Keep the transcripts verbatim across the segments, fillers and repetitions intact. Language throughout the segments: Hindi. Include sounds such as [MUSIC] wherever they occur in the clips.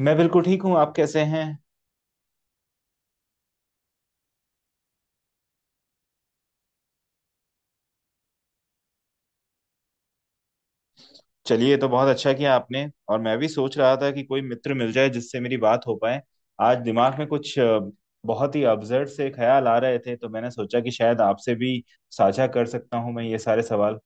मैं बिल्कुल ठीक हूँ। आप कैसे हैं? चलिए, ये तो बहुत अच्छा किया आपने। और मैं भी सोच रहा था कि कोई मित्र मिल जाए जिससे मेरी बात हो पाए। आज दिमाग में कुछ अ, बहुत ही अब्जर्ड से ख्याल आ रहे थे, तो मैंने सोचा कि शायद आपसे भी साझा कर सकता हूँ मैं ये सारे सवाल।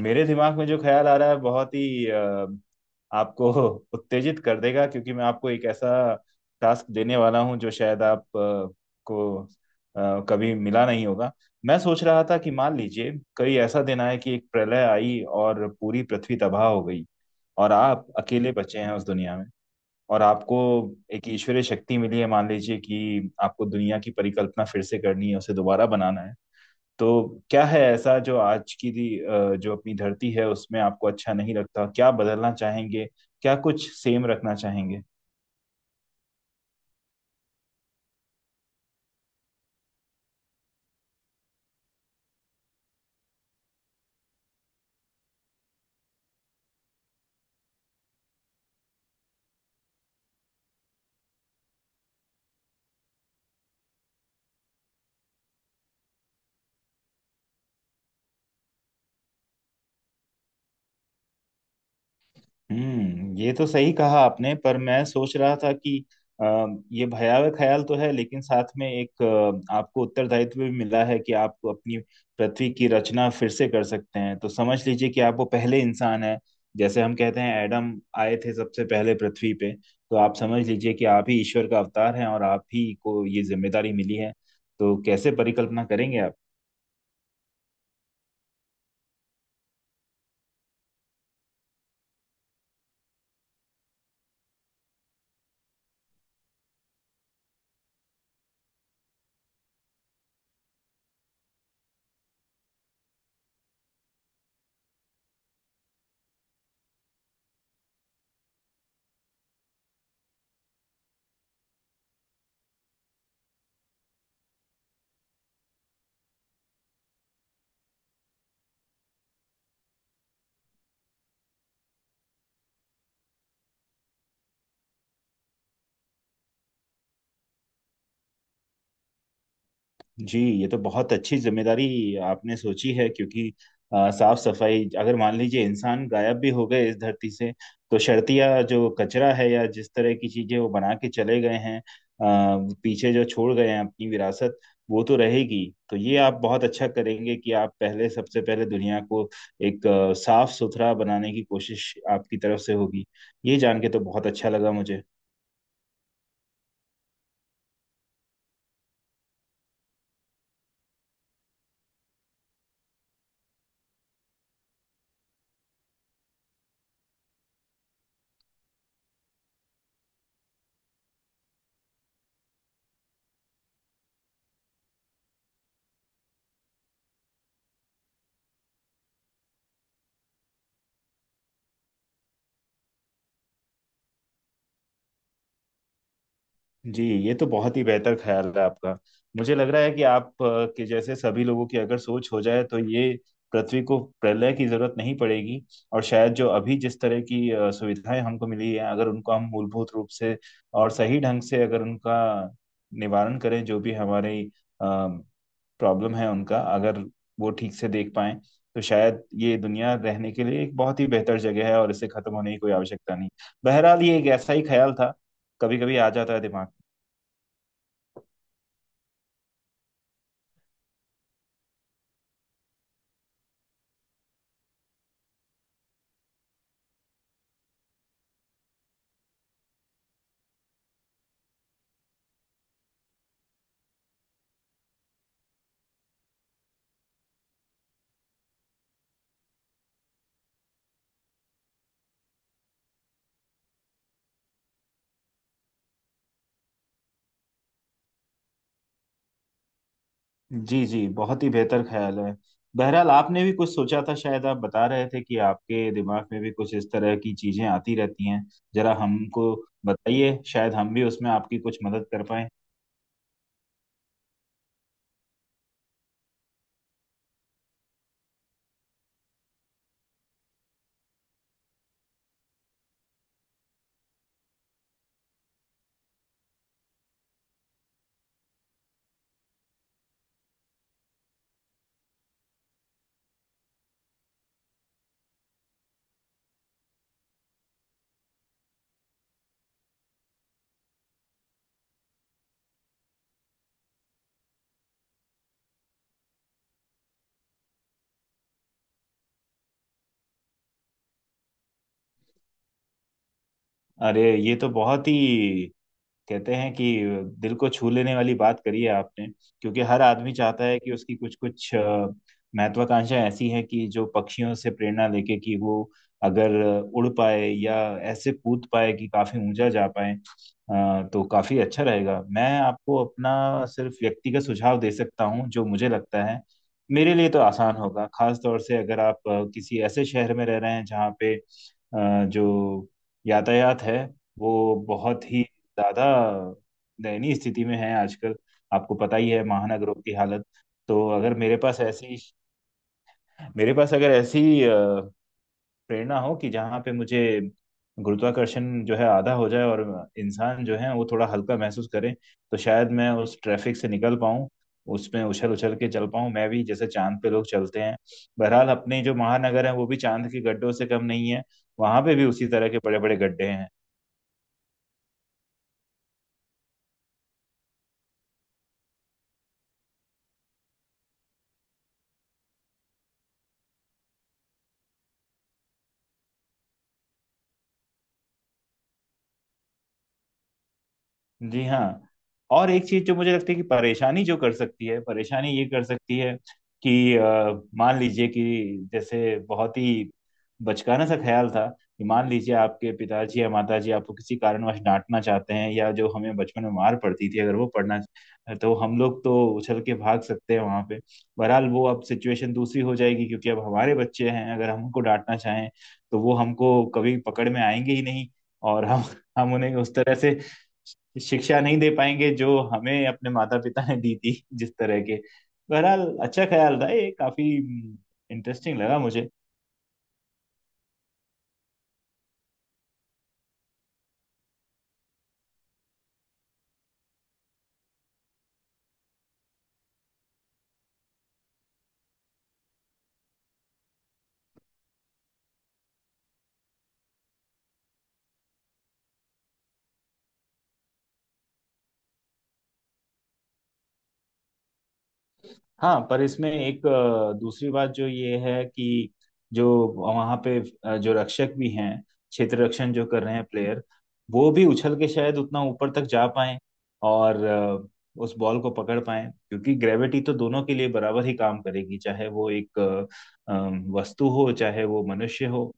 मेरे दिमाग में जो ख्याल आ रहा है बहुत ही अ, आपको [LAUGHS] उत्तेजित कर देगा, क्योंकि मैं आपको एक ऐसा टास्क देने वाला हूं जो शायद आप अ, को अ, कभी मिला नहीं होगा। मैं सोच रहा था कि मान लीजिए कहीं ऐसा दिन आए कि एक प्रलय आई और पूरी पृथ्वी तबाह हो गई, और आप अकेले बचे हैं उस दुनिया में, और आपको एक ईश्वरीय शक्ति मिली है। मान लीजिए कि आपको दुनिया की परिकल्पना फिर से करनी है, उसे दोबारा बनाना है। तो क्या है ऐसा जो आज की दी- अ, जो अपनी धरती है उसमें आपको अच्छा नहीं लगता, क्या बदलना चाहेंगे, क्या कुछ सेम रखना चाहेंगे? हम्म, ये तो सही कहा आपने। पर मैं सोच रहा था कि अ, ये भयावह ख्याल तो है, लेकिन साथ में एक अ, आपको उत्तरदायित्व भी मिला है कि आप अपनी पृथ्वी की रचना फिर से कर सकते हैं। तो समझ लीजिए कि आप वो पहले इंसान हैं, जैसे हम कहते हैं एडम आए थे सबसे पहले पृथ्वी पे। तो आप समझ लीजिए कि आप ही ईश्वर का अवतार हैं और आप ही को ये जिम्मेदारी मिली है। तो कैसे परिकल्पना करेंगे आप? जी, ये तो बहुत अच्छी जिम्मेदारी आपने सोची है, क्योंकि अ, साफ सफाई, अगर मान लीजिए इंसान गायब भी हो गए इस धरती से, तो शर्तिया जो कचरा है या जिस तरह की चीजें वो बना के चले गए हैं, अ, पीछे जो छोड़ गए हैं अपनी विरासत, वो तो रहेगी। तो ये आप बहुत अच्छा करेंगे कि आप पहले, सबसे पहले दुनिया को एक अ, साफ सुथरा बनाने की कोशिश आपकी तरफ से होगी। ये जान के तो बहुत अच्छा लगा मुझे। जी, ये तो बहुत ही बेहतर ख्याल है आपका। मुझे लग रहा है कि आप अ, के जैसे सभी लोगों की अगर सोच हो जाए तो ये पृथ्वी को प्रलय की जरूरत नहीं पड़ेगी। और शायद जो अभी जिस तरह की अ, सुविधाएं हमको मिली हैं, अगर उनको हम मूलभूत रूप से और सही ढंग से, अगर उनका निवारण करें, जो भी हमारी प्रॉब्लम है उनका अगर वो ठीक से देख पाएं, तो शायद ये दुनिया रहने के लिए एक बहुत ही बेहतर जगह है और इसे खत्म होने की कोई आवश्यकता नहीं। बहरहाल, ये एक ऐसा ही ख्याल था, कभी कभी आ जाता है दिमाग। जी जी, बहुत ही बेहतर ख्याल है। बहरहाल, आपने भी कुछ सोचा था, शायद आप बता रहे थे कि आपके दिमाग में भी कुछ इस तरह की चीजें आती रहती हैं। जरा हमको बताइए, शायद हम भी उसमें आपकी कुछ मदद कर पाए। अरे, ये तो बहुत ही, कहते हैं कि दिल को छू लेने वाली बात करी है आपने। क्योंकि हर आदमी चाहता है कि उसकी कुछ कुछ महत्वाकांक्षाएं ऐसी हैं कि जो पक्षियों से प्रेरणा लेके कि वो अगर उड़ पाए या ऐसे कूद पाए कि काफी ऊंचा जा पाए, अ, तो काफी अच्छा रहेगा। मैं आपको अपना सिर्फ व्यक्तिगत सुझाव दे सकता हूँ, जो मुझे लगता है मेरे लिए तो आसान होगा। खास तौर से अगर आप अ, किसी ऐसे शहर में रह रहे हैं जहाँ पे अ, जो यातायात है वो बहुत ही ज्यादा दयनीय स्थिति में है आजकल, आपको पता ही है महानगरों की हालत। तो अगर मेरे पास ऐसी, मेरे पास अगर ऐसी अ, प्रेरणा हो कि जहाँ पे मुझे गुरुत्वाकर्षण जो है आधा हो जाए और इंसान जो है वो थोड़ा हल्का महसूस करे, तो शायद मैं उस ट्रैफिक से निकल पाऊँ, उसमें उछल उछल के चल पाऊँ मैं भी जैसे चांद पे लोग चलते हैं। बहरहाल, अपने जो महानगर है वो भी चांद के गड्ढों से कम नहीं है, वहां पे भी उसी तरह के बड़े बड़े गड्ढे हैं। जी हाँ। और एक चीज जो मुझे लगती है कि परेशानी जो कर सकती है, परेशानी ये कर सकती है कि अ, मान लीजिए कि, जैसे बहुत ही बचकाना सा ख्याल था कि, मान लीजिए आपके पिताजी या माताजी आपको किसी कारणवश डांटना चाहते हैं, या जो हमें बचपन में मार पड़ती थी, अगर वो पड़ना, तो हम लोग तो उछल के भाग सकते हैं वहां पे। बहरहाल, वो अब सिचुएशन दूसरी हो जाएगी, क्योंकि अब हमारे बच्चे हैं। अगर हम उनको डांटना चाहें, तो वो हमको कभी पकड़ में आएंगे ही नहीं, और हम हम उन्हें उस तरह से शिक्षा नहीं दे पाएंगे जो हमें अपने माता पिता ने दी थी, जिस तरह के। बहरहाल, अच्छा ख्याल था ये, काफी इंटरेस्टिंग लगा मुझे। हाँ, पर इसमें एक अ, दूसरी बात जो ये है कि, जो वहाँ पे अ, जो रक्षक भी हैं, क्षेत्र रक्षण जो कर रहे हैं प्लेयर, वो भी उछल के शायद उतना ऊपर तक जा पाए और अ, उस बॉल को पकड़ पाए, क्योंकि ग्रेविटी तो दोनों के लिए बराबर ही काम करेगी, चाहे वो एक अ, अम, वस्तु हो, चाहे वो मनुष्य हो।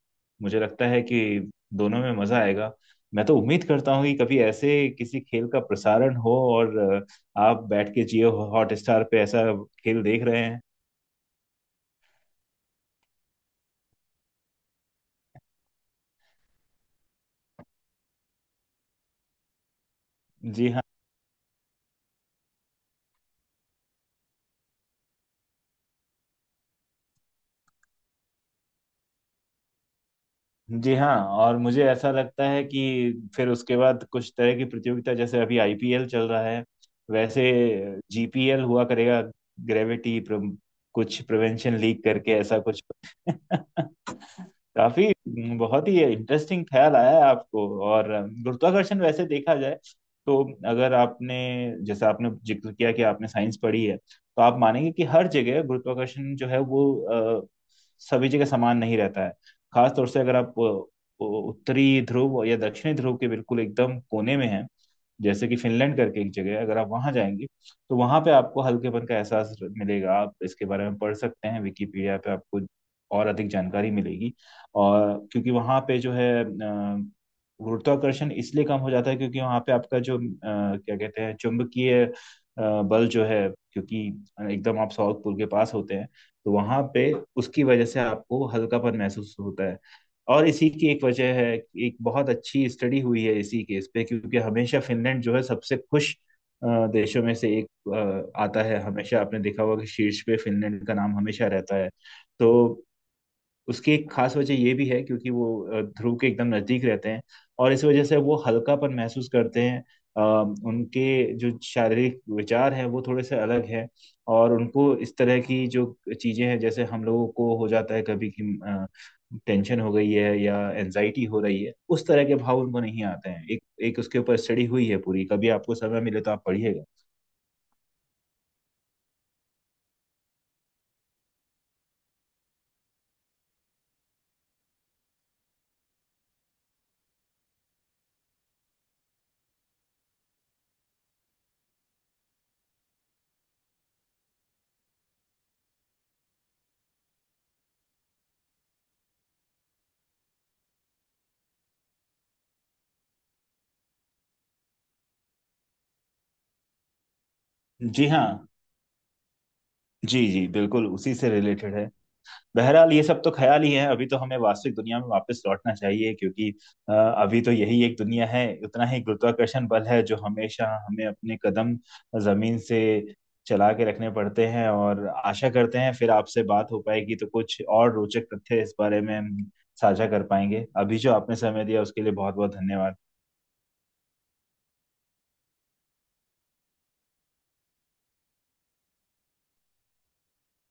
मुझे लगता है कि दोनों में मजा आएगा। मैं तो उम्मीद करता हूँ कि कभी ऐसे किसी खेल का प्रसारण हो और आप बैठ के जियो हॉटस्टार पे ऐसा खेल देख रहे हैं। जी हाँ, जी हाँ। और मुझे ऐसा लगता है कि फिर उसके बाद कुछ तरह की प्रतियोगिता, जैसे अभी आई पी एल चल रहा है, वैसे जी पी एल हुआ करेगा, ग्रेविटी प्र, कुछ प्रिवेंशन लीग करके ऐसा कुछ। [LAUGHS] काफी, बहुत ही इंटरेस्टिंग ख्याल आया है आपको। और गुरुत्वाकर्षण, वैसे देखा जाए तो, अगर आपने, जैसे आपने जिक्र किया कि आपने साइंस पढ़ी है, तो आप मानेंगे कि हर जगह गुरुत्वाकर्षण जो है वो अ, सभी जगह समान नहीं रहता है। खास तौर से अगर आप अ, उत्तरी ध्रुव या दक्षिणी ध्रुव के बिल्कुल एकदम कोने में हैं, जैसे कि फिनलैंड करके एक जगह है, अगर आप वहां जाएंगे, तो वहां पे आपको हल्केपन का एहसास मिलेगा। आप इसके बारे में पढ़ सकते हैं, विकिपीडिया पे आपको और अधिक जानकारी मिलेगी। और क्योंकि वहां पे जो है अ, गुरुत्वाकर्षण इसलिए कम हो जाता है, क्योंकि वहां पे आपका जो अ, क्या कहते हैं, चुंबकीय अ, बल जो है, क्योंकि एकदम आप साउथ पोल के पास होते हैं, तो वहां पे उसकी वजह से आपको हल्कापन महसूस होता है। और इसी की एक वजह है कि एक बहुत अच्छी स्टडी हुई है इसी केस पे, क्योंकि हमेशा फिनलैंड जो है सबसे खुश अ, देशों में से एक अ, आता है। हमेशा आपने देखा होगा कि शीर्ष पे फिनलैंड का नाम हमेशा रहता है। तो उसकी एक खास वजह ये भी है, क्योंकि वो अ, ध्रुव के एकदम नजदीक रहते हैं, और इस वजह से वो हल्कापन महसूस करते हैं। अ, उनके जो शारीरिक विचार हैं वो थोड़े से अलग हैं, और उनको इस तरह की जो चीजें हैं जैसे हम लोगों को हो जाता है कभी कि अ, टेंशन हो गई है या एनजाइटी हो रही है, उस तरह के भाव उनको नहीं आते हैं। एक एक उसके ऊपर स्टडी हुई है पूरी, कभी आपको समय मिले तो आप पढ़िएगा। जी हाँ, जी जी बिल्कुल उसी से रिलेटेड है। बहरहाल, ये सब तो ख्याल ही है, अभी तो हमें वास्तविक दुनिया में वापस लौटना चाहिए, क्योंकि अ, अभी तो यही एक दुनिया है, उतना ही गुरुत्वाकर्षण बल है, जो हमेशा हमें अपने कदम जमीन से चला के रखने पड़ते हैं। और आशा करते हैं फिर आपसे बात हो पाएगी, तो कुछ और रोचक तथ्य इस बारे में हम साझा कर पाएंगे। अभी जो आपने समय दिया उसके लिए बहुत बहुत धन्यवाद।